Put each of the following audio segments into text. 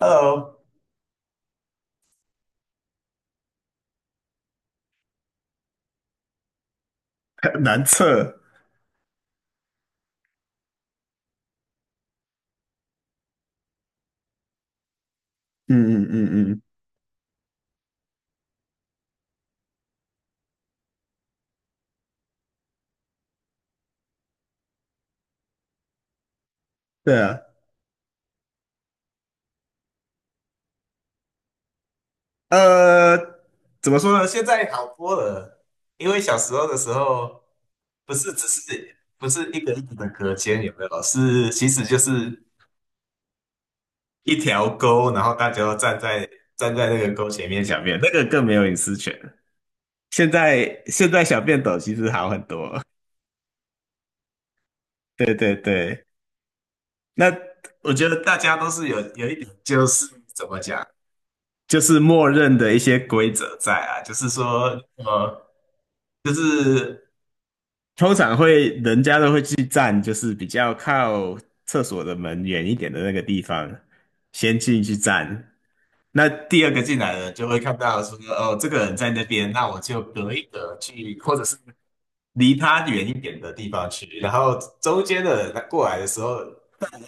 h e l 难测，嗯嗯嗯嗯，对啊，呃，怎么说呢？现在好多了，因为小时候的时候，不是一个一个的隔间，有没有？是其实就是一条沟，然后大家都站在那个沟前面小便，那个更没有隐私权。现在小便斗其实好很多，对对对。那我觉得大家都是有一点，就是怎么讲？就是默认的一些规则在啊，就是说，呃，就是通常会人家都会去站，就是比较靠厕所的门远一点的那个地方，先进去站。那第二个进来的就会看到说，哦，这个人在那边，那我就隔一隔去，或者是离他远一点的地方去，然后中间的人他过来的时候，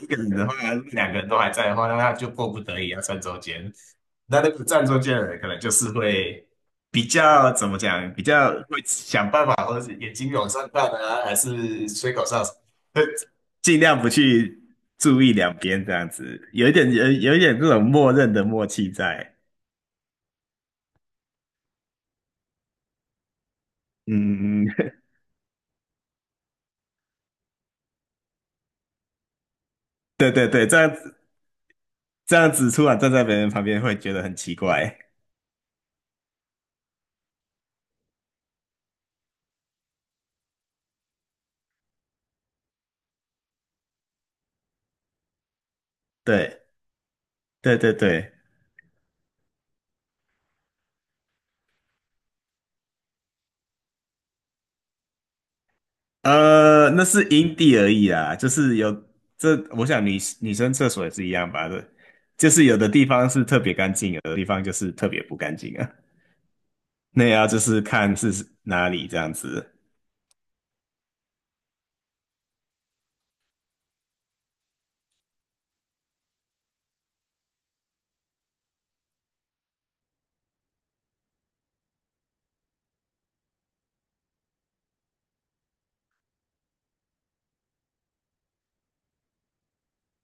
一个人的话，两个人都还在的话，那他就迫不得已要站中间。那个站中间的人可能就是会比较怎么讲，比较会想办法，或者是眼睛往上看啊，还是吹口哨，会尽量不去注意两边这样子，有一点这种默认的默契在。嗯嗯嗯，对对对，这样子突然站在别人旁边会觉得很奇怪。对。对对对，那是阴地而已啦，就是有这，我想女生厕所也是一样吧的，就是有的地方是特别干净，有的地方就是特别不干净啊。那也要就是看是哪里这样子。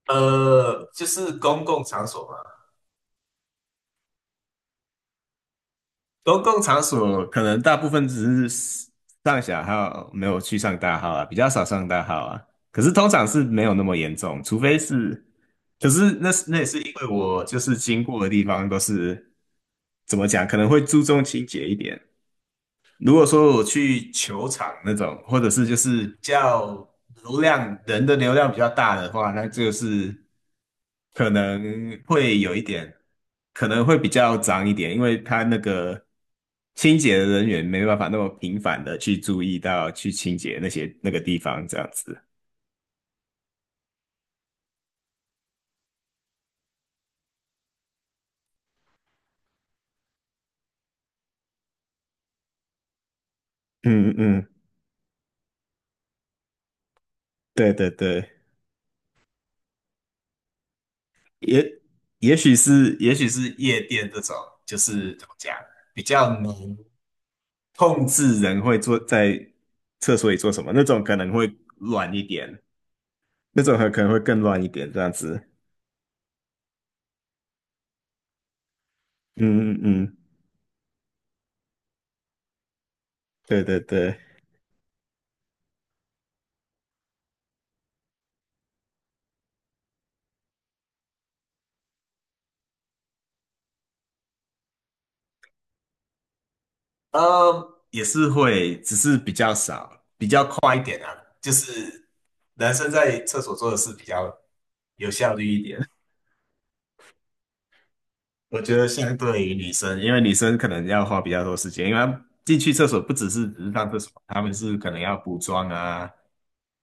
就是公共场所嘛，公共场所可能大部分只是上小号，没有去上大号啊，比较少上大号啊。可是通常是没有那么严重，除非是，可是那也是因为我就是经过的地方都是怎么讲，可能会注重清洁一点，如果说我去球场那种，或者是就是叫人的流量比较大的话，那就是可能会有一点，可能会比较脏一点，因为他那个清洁的人员没办法那么频繁的去注意到去清洁那些那个地方这样子。嗯嗯，对对对，也也许是夜店这种，就是怎么讲，比较浓。控制人会做在厕所里做什么，那种可能会乱一点，那种还可能会更乱一点，这样子。嗯嗯嗯，对对对，也是会，只是比较少，比较快一点啊。就是男生在厕所做的事比较有效率一点，我觉得相对于女生，因为女生可能要花比较多时间，因为她进去厕所不只是上厕所，他们是可能要补妆啊，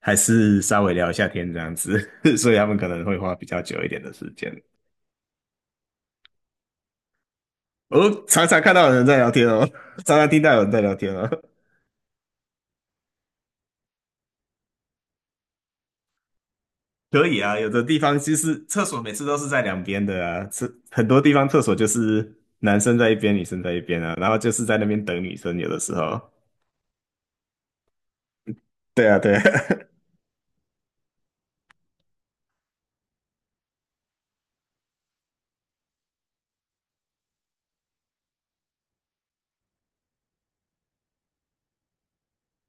还是稍微聊一下天这样子，所以他们可能会花比较久一点的时间。我常常看到有人在聊天哦，常常听到有人在聊天哦。可以啊，有的地方其是厕所每次都是在两边的啊，是很多地方厕所就是男生在一边，女生在一边啊，然后就是在那边等女生，有的时候。对啊，对啊，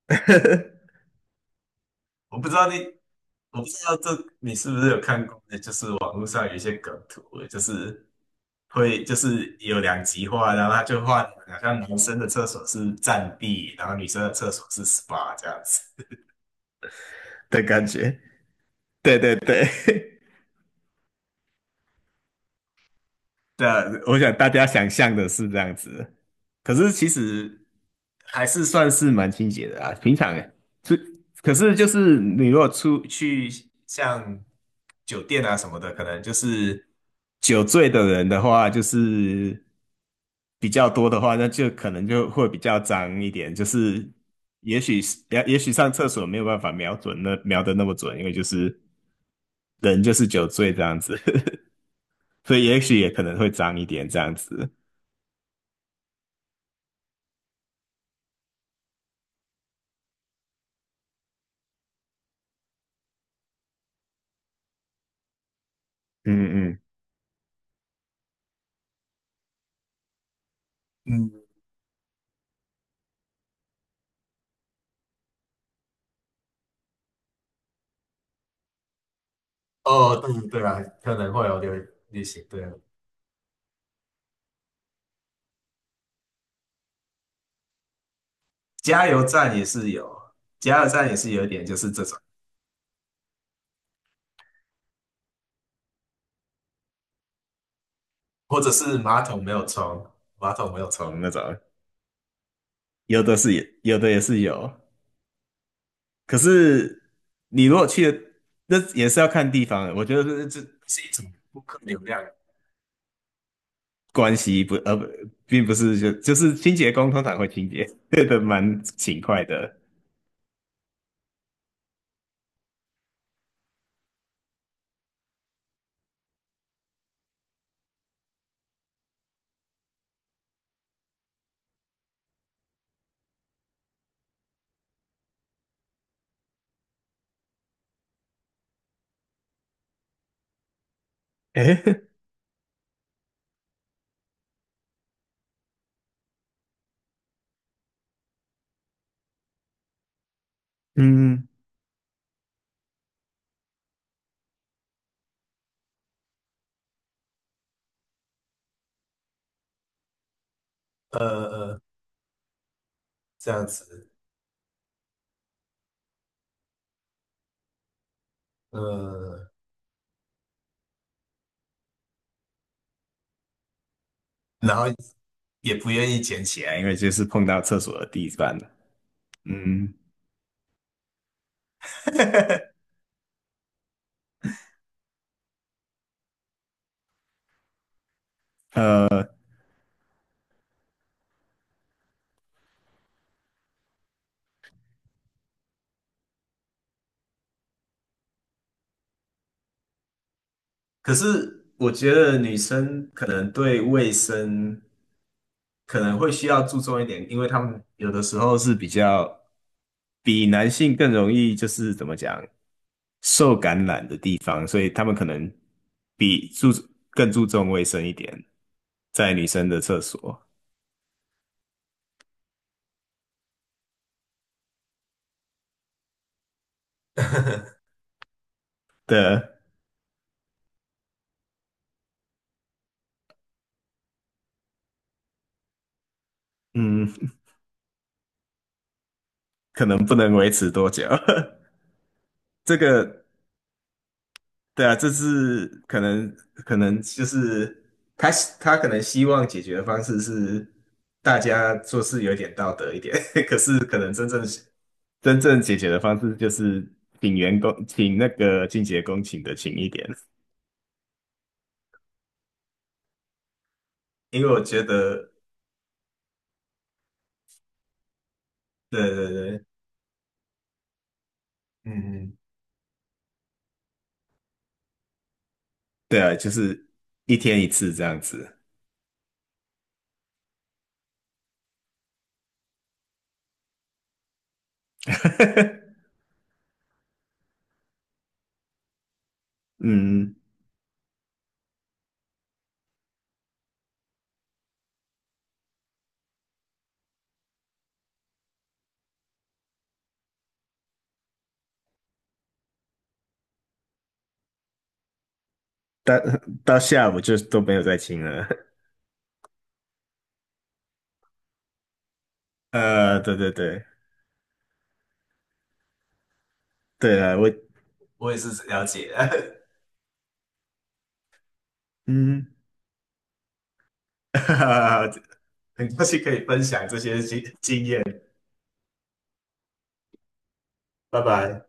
我不知道你，我不知道你是不是有看过，就是网络上有一些梗图，就是会就是有两极化，然后他就换，好像男生的厕所是占地，然后女生的厕所是 SPA 这样子。的感觉。对对对，对啊，我想大家想象的是这样子，可是其实还是算是蛮清洁的啊。平常是，可是就是你如果出去像酒店啊什么的，可能就是酒醉的人的话，就是比较多的话，那就可能就会比较脏一点。就是也许上厕所没有办法瞄准那瞄的那么准，因为就是人就是酒醉这样子。所以也许也可能会脏一点这样子。嗯嗯，嗯，哦，对对啊，可能会有旅行，对，加油站也是有，加油站也是有一点就是这种，或者是马桶没有冲那种，有的也是有，可是你如果去的，那也是要看地方的。我觉得这是一种顾客流量。关系不呃不，并不是就是清洁工通常会清洁，对的蛮勤快的。诶，嗯。呃，这样子，呃，然后也不愿意捡起来，因为就是碰到厕所的地板了。嗯，可是我觉得女生可能对卫生可能会需要注重一点，因为他们有的时候是比较比男性更容易，就是怎么讲，受感染的地方，所以他们可能比注更注重卫生一点，在女生的厕所的，嗯，可能不能维持多久。这个，对啊，这是可能就是他他可能希望解决的方式是大家做事有点道德一点，可是可能真正解决的方式就是请员工请那个清洁工请的勤一点，因为我觉得，对对对，嗯嗯，对啊，就是一天一次这样子，嗯，到到下午就都没有再请了。对对对，对啊，我也是了解的，嗯，很高兴可以分享这些经验，拜拜。